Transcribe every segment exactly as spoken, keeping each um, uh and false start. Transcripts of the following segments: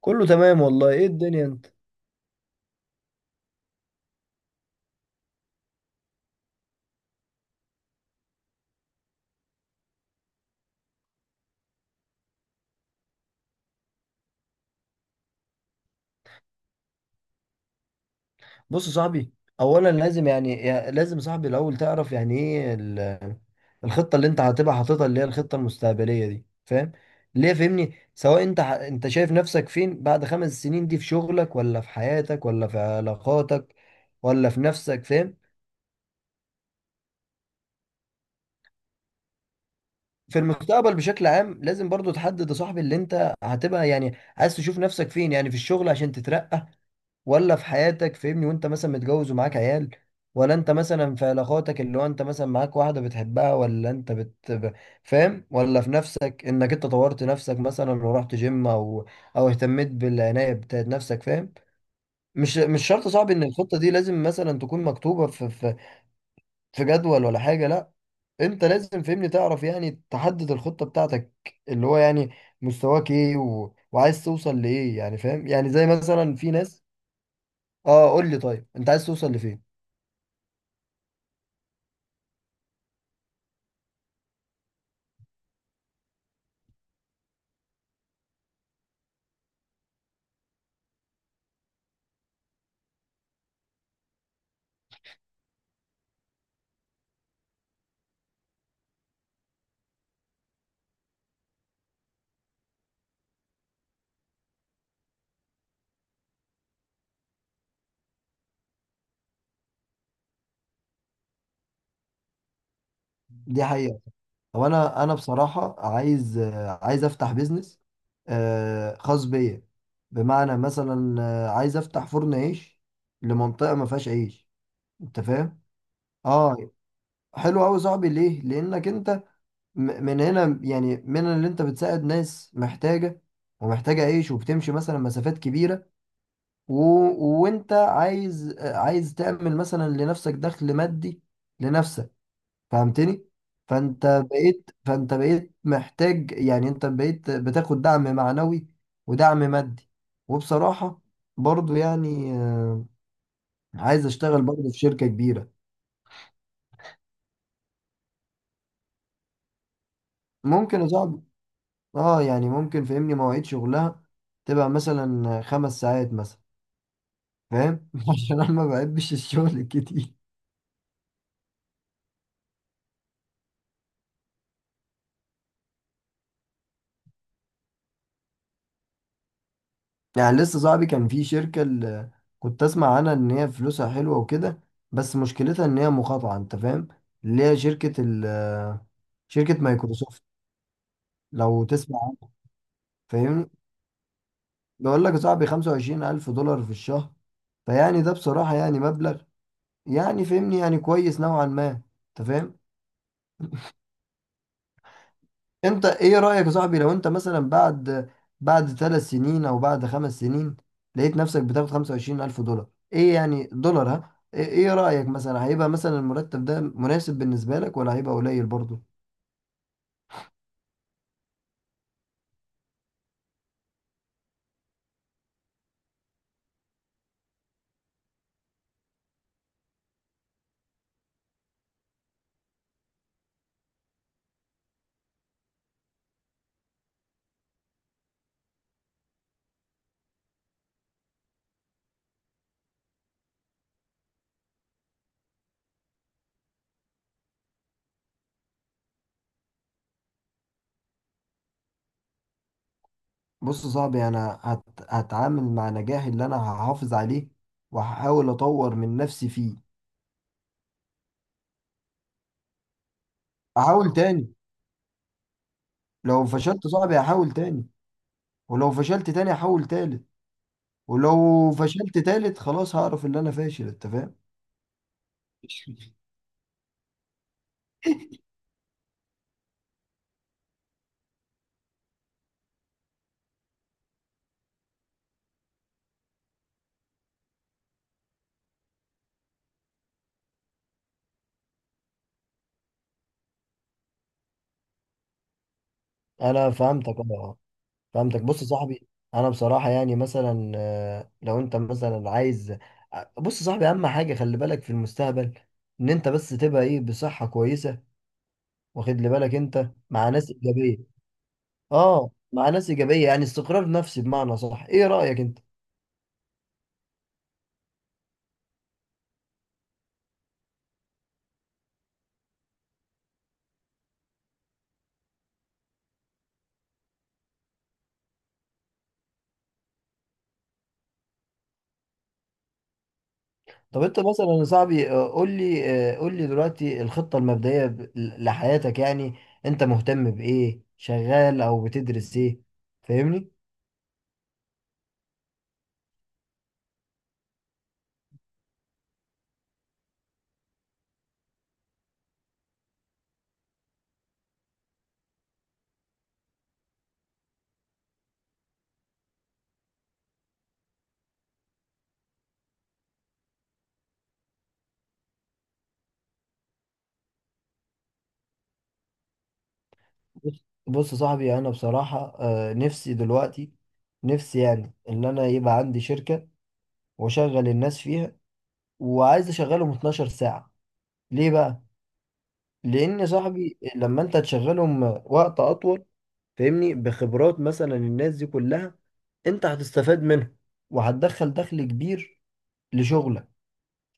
كله تمام والله، ايه الدنيا انت؟ بص يا صاحبي، اولا لازم يعني يا- لازم يا صاحبي الاول تعرف يعني ايه ال- الخطه اللي انت هتبقى حاططها، اللي هي الخطه المستقبليه دي، فاهم؟ ليه؟ فهمني، سواء انت ح- انت شايف نفسك فين بعد خمس سنين دي، في شغلك ولا في حياتك ولا في علاقاتك ولا في نفسك، فاهم؟ في المستقبل بشكل عام لازم برضو تحدد يا صاحبي اللي انت هتبقى يعني عايز تشوف نفسك فين، يعني في الشغل عشان تترقى، ولا في حياتك، فاهمني، وانت مثلا متجوز ومعاك عيال، ولا انت مثلا في علاقاتك، اللي هو انت مثلا معاك واحدة بتحبها، ولا انت بت ب- فاهم؟ ولا في نفسك، انك انت طورت نفسك مثلا ورحت جيم، او او اهتميت بالعناية بتاعت نفسك، فاهم؟ مش مش شرط صعب ان الخطة دي لازم مثلا تكون مكتوبة في في في جدول ولا حاجة، لا. انت لازم فهمني تعرف يعني تحدد الخطة بتاعتك، اللي هو يعني مستواك ايه و... وعايز توصل لايه، يعني فاهم؟ يعني زي مثلا في ناس. اه، قول لي، طيب انت عايز توصل لفين؟ دي حقيقة. هو انا انا بصراحة عايز آه، عايز افتح بيزنس آه، خاص بيا، بمعنى مثلا آه، عايز افتح فرن عيش لمنطقة ما فيهاش عيش، انت فاهم؟ اه، حلو قوي صاحبي، ليه؟ لانك انت م- من هنا يعني، من اللي انت بتساعد ناس محتاجة ومحتاجة عيش وبتمشي مثلا مسافات كبيرة، و... وانت عايز آه، عايز تعمل مثلا لنفسك دخل مادي لنفسك، فهمتني؟ فانت بقيت فانت بقيت محتاج يعني، انت بقيت بتاخد دعم معنوي ودعم مادي. وبصراحة برضو يعني آه، عايز اشتغل برضو في شركة كبيرة. ممكن اصعب، اه يعني ممكن، فهمني، مواعيد شغلها تبقى مثلا خمس ساعات مثلا، فاهم؟ عشان انا ما بحبش الشغل الكتير. يعني لسه صاحبي، كان في شركة اللي كنت اسمع عنها ان هي فلوسها حلوة وكده، بس مشكلتها ان هي مقاطعة، انت فاهم؟ اللي هي شركة ال شركة مايكروسوفت. لو تسمع عنها، فاهمني؟ بقول لك يا صاحبي، 25000 ألف دولار في الشهر، فيعني ده بصراحة يعني مبلغ يعني، فاهمني، يعني كويس نوعا ما، انت فاهم؟ انت ايه رأيك يا صاحبي لو انت مثلا بعد بعد ثلاث سنين او بعد خمس سنين لقيت نفسك بتاخد خمسة وعشرين الف دولار، ايه يعني دولار؟ ها، ايه ايه رأيك مثلا هيبقى مثلا المرتب ده مناسب بالنسبة لك، ولا هيبقى قليل برضه؟ بص يا صاحبي، انا هت... هتعامل مع نجاحي اللي انا هحافظ عليه، وهحاول اطور من نفسي فيه. احاول تاني. لو فشلت يا صاحبي هحاول تاني، ولو فشلت تاني هحاول تالت، ولو فشلت تالت خلاص هعرف ان انا فاشل، انت فاهم؟ انا فهمتك انا فهمتك. بص يا صاحبي، انا بصراحه يعني مثلا، آه، لو انت مثلا عايز، بص يا صاحبي اهم حاجه خلي بالك في المستقبل ان انت بس تبقى ايه، بصحه كويسه، واخد لي بالك انت مع ناس ايجابيه. اه، مع ناس ايجابيه، يعني استقرار نفسي، بمعنى صح، ايه رايك انت؟ طب انت مثلا يا صاحبي آه، قول لي آه، قول لي دلوقتي الخطه المبدئيه ب- لحياتك يعني، انت مهتم بايه؟ شغال او بتدرس ايه؟ فاهمني؟ بص بص يا صاحبي، انا بصراحه آه، نفسي دلوقتي، نفسي يعني ان انا يبقى عندي شركه واشغل الناس فيها، وعايز اشغلهم اتناشر ساعه. ليه بقى؟ لان يا صاحبي لما انت تشغلهم وقت اطول، فاهمني، بخبرات مثلا الناس دي كلها، انت هتستفاد منها، وهتدخل دخل كبير لشغلك،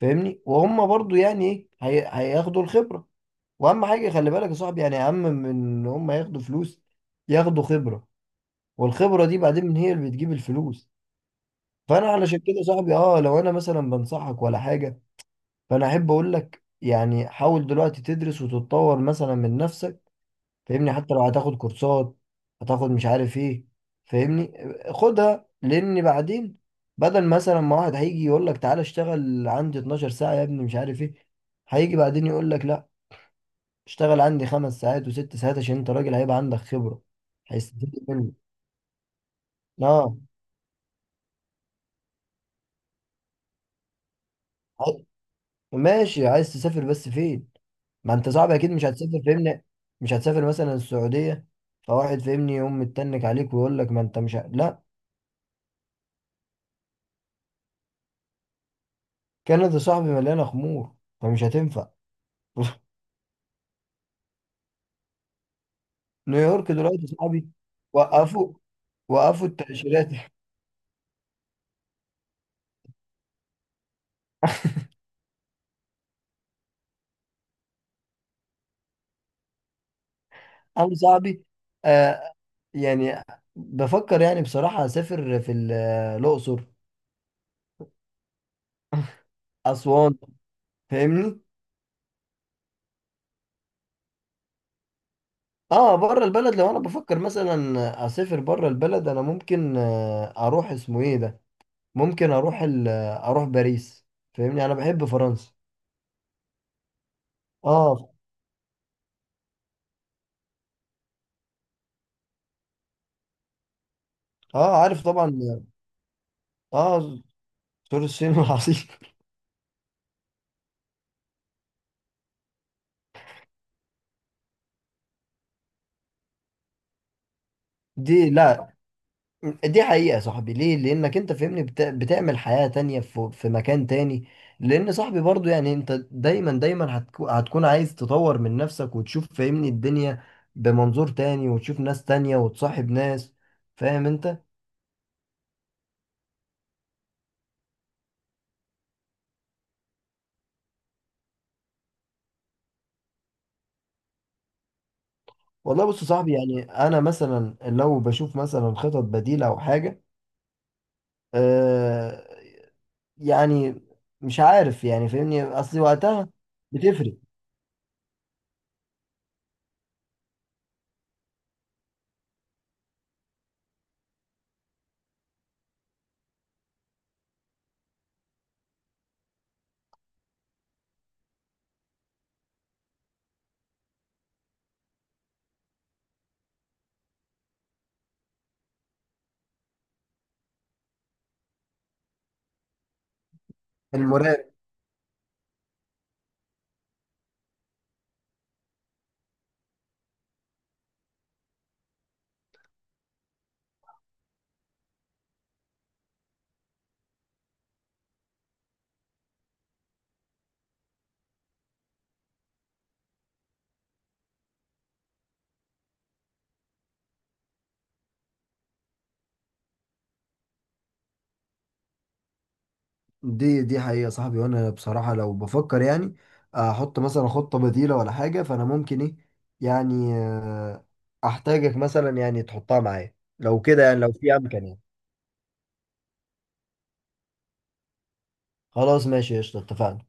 فاهمني، وهم برضو يعني ايه، هي- هياخدوا الخبره. واهم حاجه خلي بالك يا صاحبي، يعني اهم من ان هم ياخدوا فلوس، ياخدوا خبره، والخبرة دي بعدين هي اللي بتجيب الفلوس. فانا علشان كده صاحبي، اه، لو انا مثلا بنصحك ولا حاجة، فانا احب اقول لك يعني حاول دلوقتي تدرس وتتطور مثلا من نفسك، فاهمني، حتى لو هتاخد كورسات، هتاخد مش عارف ايه، فاهمني، خدها، لان بعدين بدل مثلا ما واحد هيجي يقول لك تعالى اشتغل عندي اتناشر ساعة يا ابني مش عارف ايه، هيجي بعدين يقول لك لا، اشتغل عندي خمس ساعات وست ساعات، عشان انت راجل هيبقى عندك خبرة، هيستفيد منك. اه ماشي، عايز تسافر بس فين؟ ما انت صعب اكيد مش هتسافر، فاهمني، مش هتسافر مثلا السعودية، فواحد فاهمني يقوم متنك عليك ويقول لك ما انت مش ه... لا. كندا صاحبي مليانة خمور، فمش هتنفع. نيويورك دلوقتي صاحبي وقفوا وقفوا التأشيرات. انا صاحبي، آه يعني بفكر يعني بصراحة اسافر في ال- الاقصر، اسوان، فاهمني. اه بره البلد، لو انا بفكر مثلا اسافر بره البلد انا ممكن آه، اروح اسمه ايه ده، ممكن اروح ال... اروح باريس، فاهمني، انا بحب فرنسا. اه. اه عارف طبعا. اه، سور الصين والعصير. دي لا. دي حقيقة يا صاحبي، ليه؟ لانك انت فاهمني، بت... بتعمل حياة تانية في... في مكان تاني، لان صاحبي برضو يعني انت دايما دايما هتكو... هتكون عايز تطور من نفسك وتشوف، فاهمني، الدنيا بمنظور تاني، وتشوف ناس تانية وتصاحب ناس، فاهم انت؟ والله بص يا صاحبي، يعني انا مثلا لو بشوف مثلا خطط بديلة او حاجة، آه، يعني مش عارف يعني، فاهمني، اصل وقتها بتفرق. المراقب. دي دي حقيقة صاحبي، وانا بصراحة لو بفكر يعني احط مثلا خطة بديلة ولا حاجة، فانا ممكن ايه، يعني آه، احتاجك مثلا يعني تحطها معايا، لو كده يعني لو في امكانية. خلاص ماشي، قشطة، اتفقنا.